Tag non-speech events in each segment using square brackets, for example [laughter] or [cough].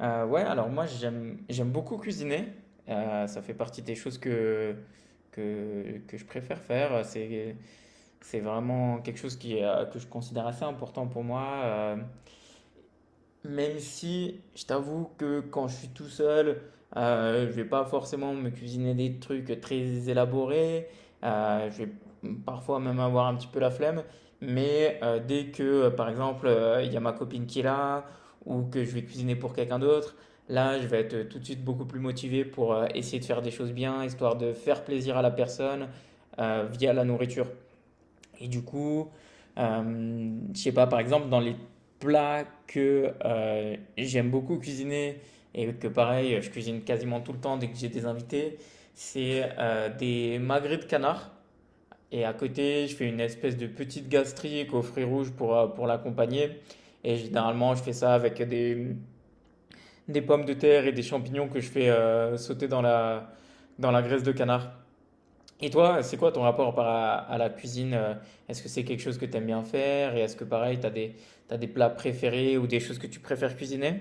Ouais, alors moi j'aime beaucoup cuisiner. Ça fait partie des choses que je préfère faire. C'est vraiment quelque chose qui est que je considère assez important pour moi. Même si je t'avoue que quand je suis tout seul, je vais pas forcément me cuisiner des trucs très élaborés. Je vais parfois même avoir un petit peu la flemme. Mais dès que, par exemple, il y a ma copine qui est là ou que je vais cuisiner pour quelqu'un d'autre, là, je vais être tout de suite beaucoup plus motivé pour essayer de faire des choses bien, histoire de faire plaisir à la personne via la nourriture. Et du coup, je sais pas, par exemple, dans les plats que j'aime beaucoup cuisiner et que pareil, je cuisine quasiment tout le temps dès que j'ai des invités, c'est des magrets de canard. Et à côté, je fais une espèce de petite gastrique aux fruits rouges pour l'accompagner. Et généralement, je fais ça avec des pommes de terre et des champignons que je fais sauter dans dans la graisse de canard. Et toi, c'est quoi ton rapport à la cuisine? Est-ce que c'est quelque chose que tu aimes bien faire? Et est-ce que pareil, t'as des plats préférés ou des choses que tu préfères cuisiner?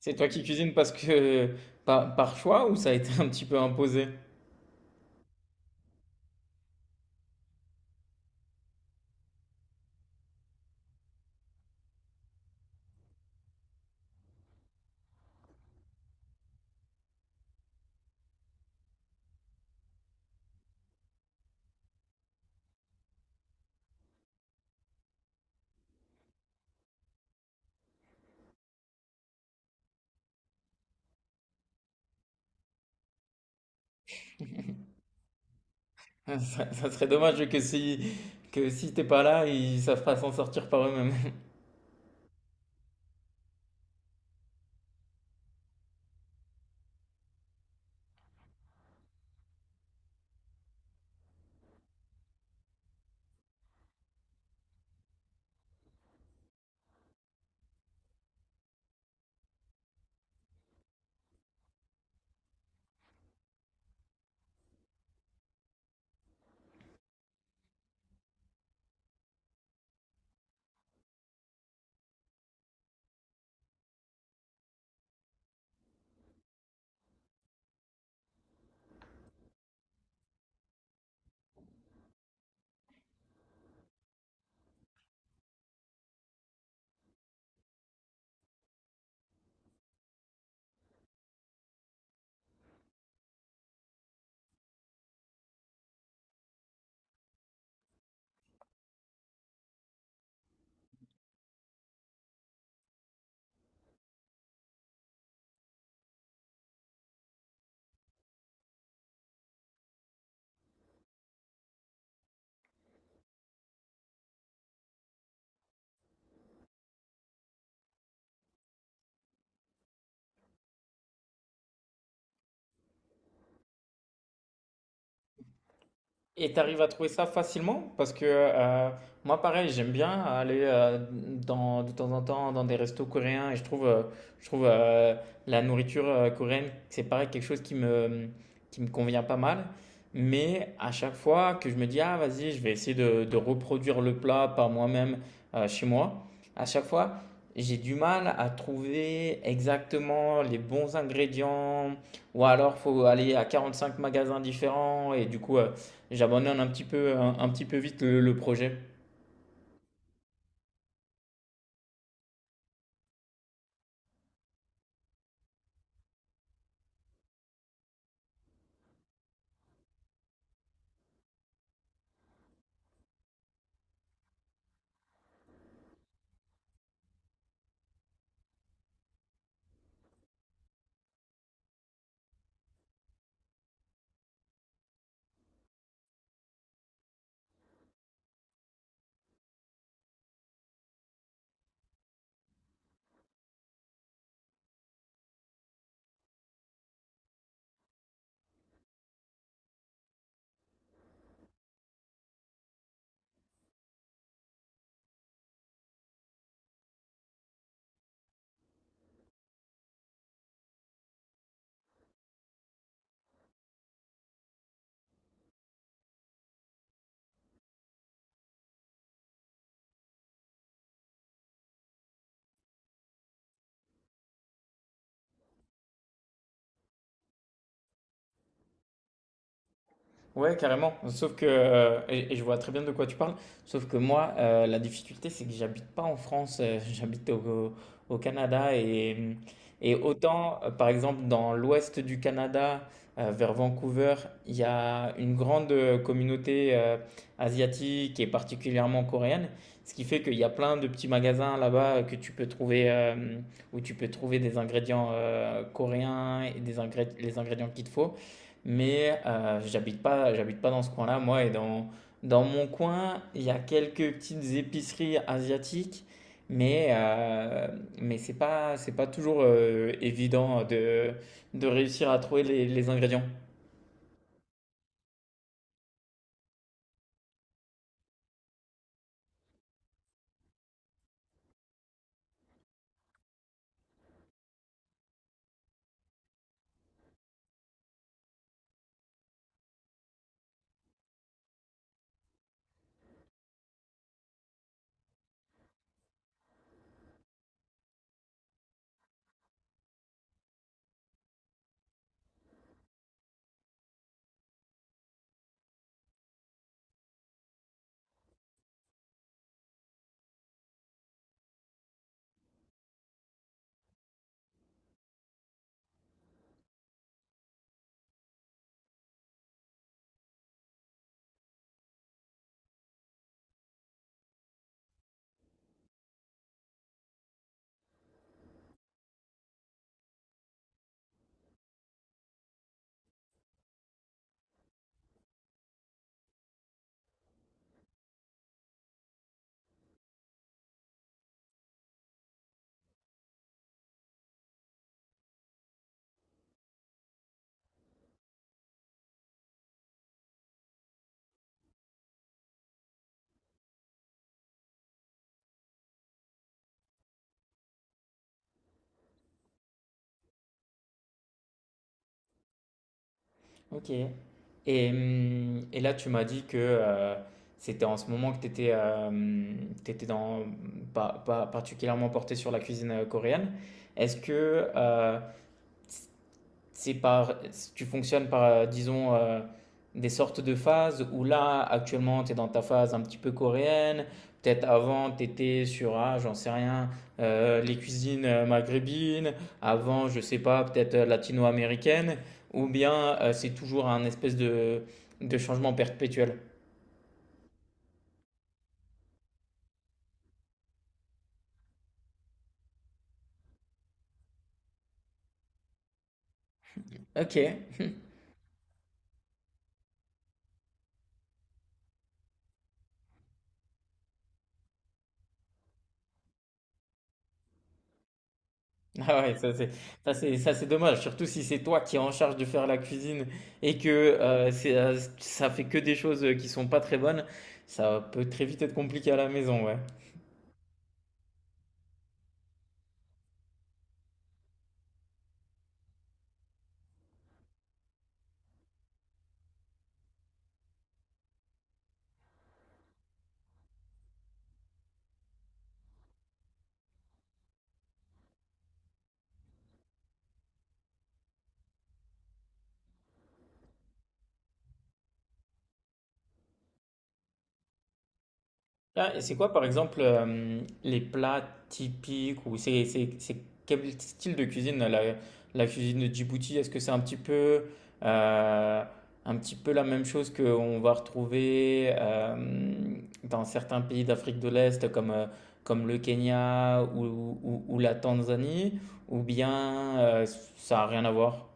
C'est toi qui cuisines parce que par choix ou ça a été un petit peu imposé? [laughs] Ça serait dommage que si t'es pas là, ils savent pas s'en sortir par eux-mêmes. Et t'arrives à trouver ça facilement? Parce que moi, pareil, j'aime bien aller dans, de temps en temps dans des restos coréens et je trouve la nourriture coréenne, c'est pareil, quelque chose qui me convient pas mal. Mais à chaque fois que je me dis, ah, vas-y, je vais essayer de reproduire le plat par moi-même chez moi, à chaque fois, j'ai du mal à trouver exactement les bons ingrédients ou alors faut aller à 45 magasins différents et du coup. J'abandonne un petit peu, un petit peu vite le projet. Ouais, carrément. Sauf que, et je vois très bien de quoi tu parles, sauf que moi, la difficulté, c'est que j'habite pas en France, [laughs] au Canada. Et autant, par exemple, dans l'ouest du Canada, vers Vancouver, il y a une grande communauté asiatique et particulièrement coréenne, ce qui fait qu'il y a plein de petits magasins là-bas que tu peux trouver, où tu peux trouver des ingrédients coréens et des les ingrédients qu'il te faut. Mais j'habite pas dans ce coin-là, moi. Et dans, dans mon coin, il y a quelques petites épiceries asiatiques, mais, mais c'est pas toujours évident de réussir à trouver les ingrédients. Ok. Et là, tu m'as dit que c'était en ce moment que tu étais, dans, pas particulièrement porté sur la cuisine coréenne. Est-ce que c'est tu fonctionnes par, disons, des sortes de phases où là, actuellement, tu es dans ta phase un petit peu coréenne. Peut-être avant, tu étais sur, ah, j'en sais rien, les cuisines maghrébines. Avant, je sais pas, peut-être latino-américaine. Ou bien c'est toujours un espèce de changement perpétuel. Ok. [laughs] Ah ouais, ça c'est ça c'est dommage, surtout si c'est toi qui es en charge de faire la cuisine et que c'est ça fait que des choses qui sont pas très bonnes, ça peut très vite être compliqué à la maison, ouais. Ah, et c'est quoi, par exemple, les plats typiques ou c'est quel style de cuisine la cuisine de Djibouti? Est-ce que c'est euh, un petit peu la même chose qu'on va retrouver dans certains pays d'Afrique de l'Est comme comme le Kenya ou, ou la Tanzanie ou bien ça a rien à voir?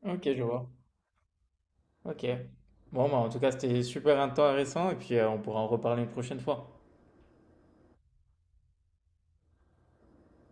Ok, je vois. Ok. Bon, bah, en tout cas, c'était super intéressant et puis on pourra en reparler une prochaine fois.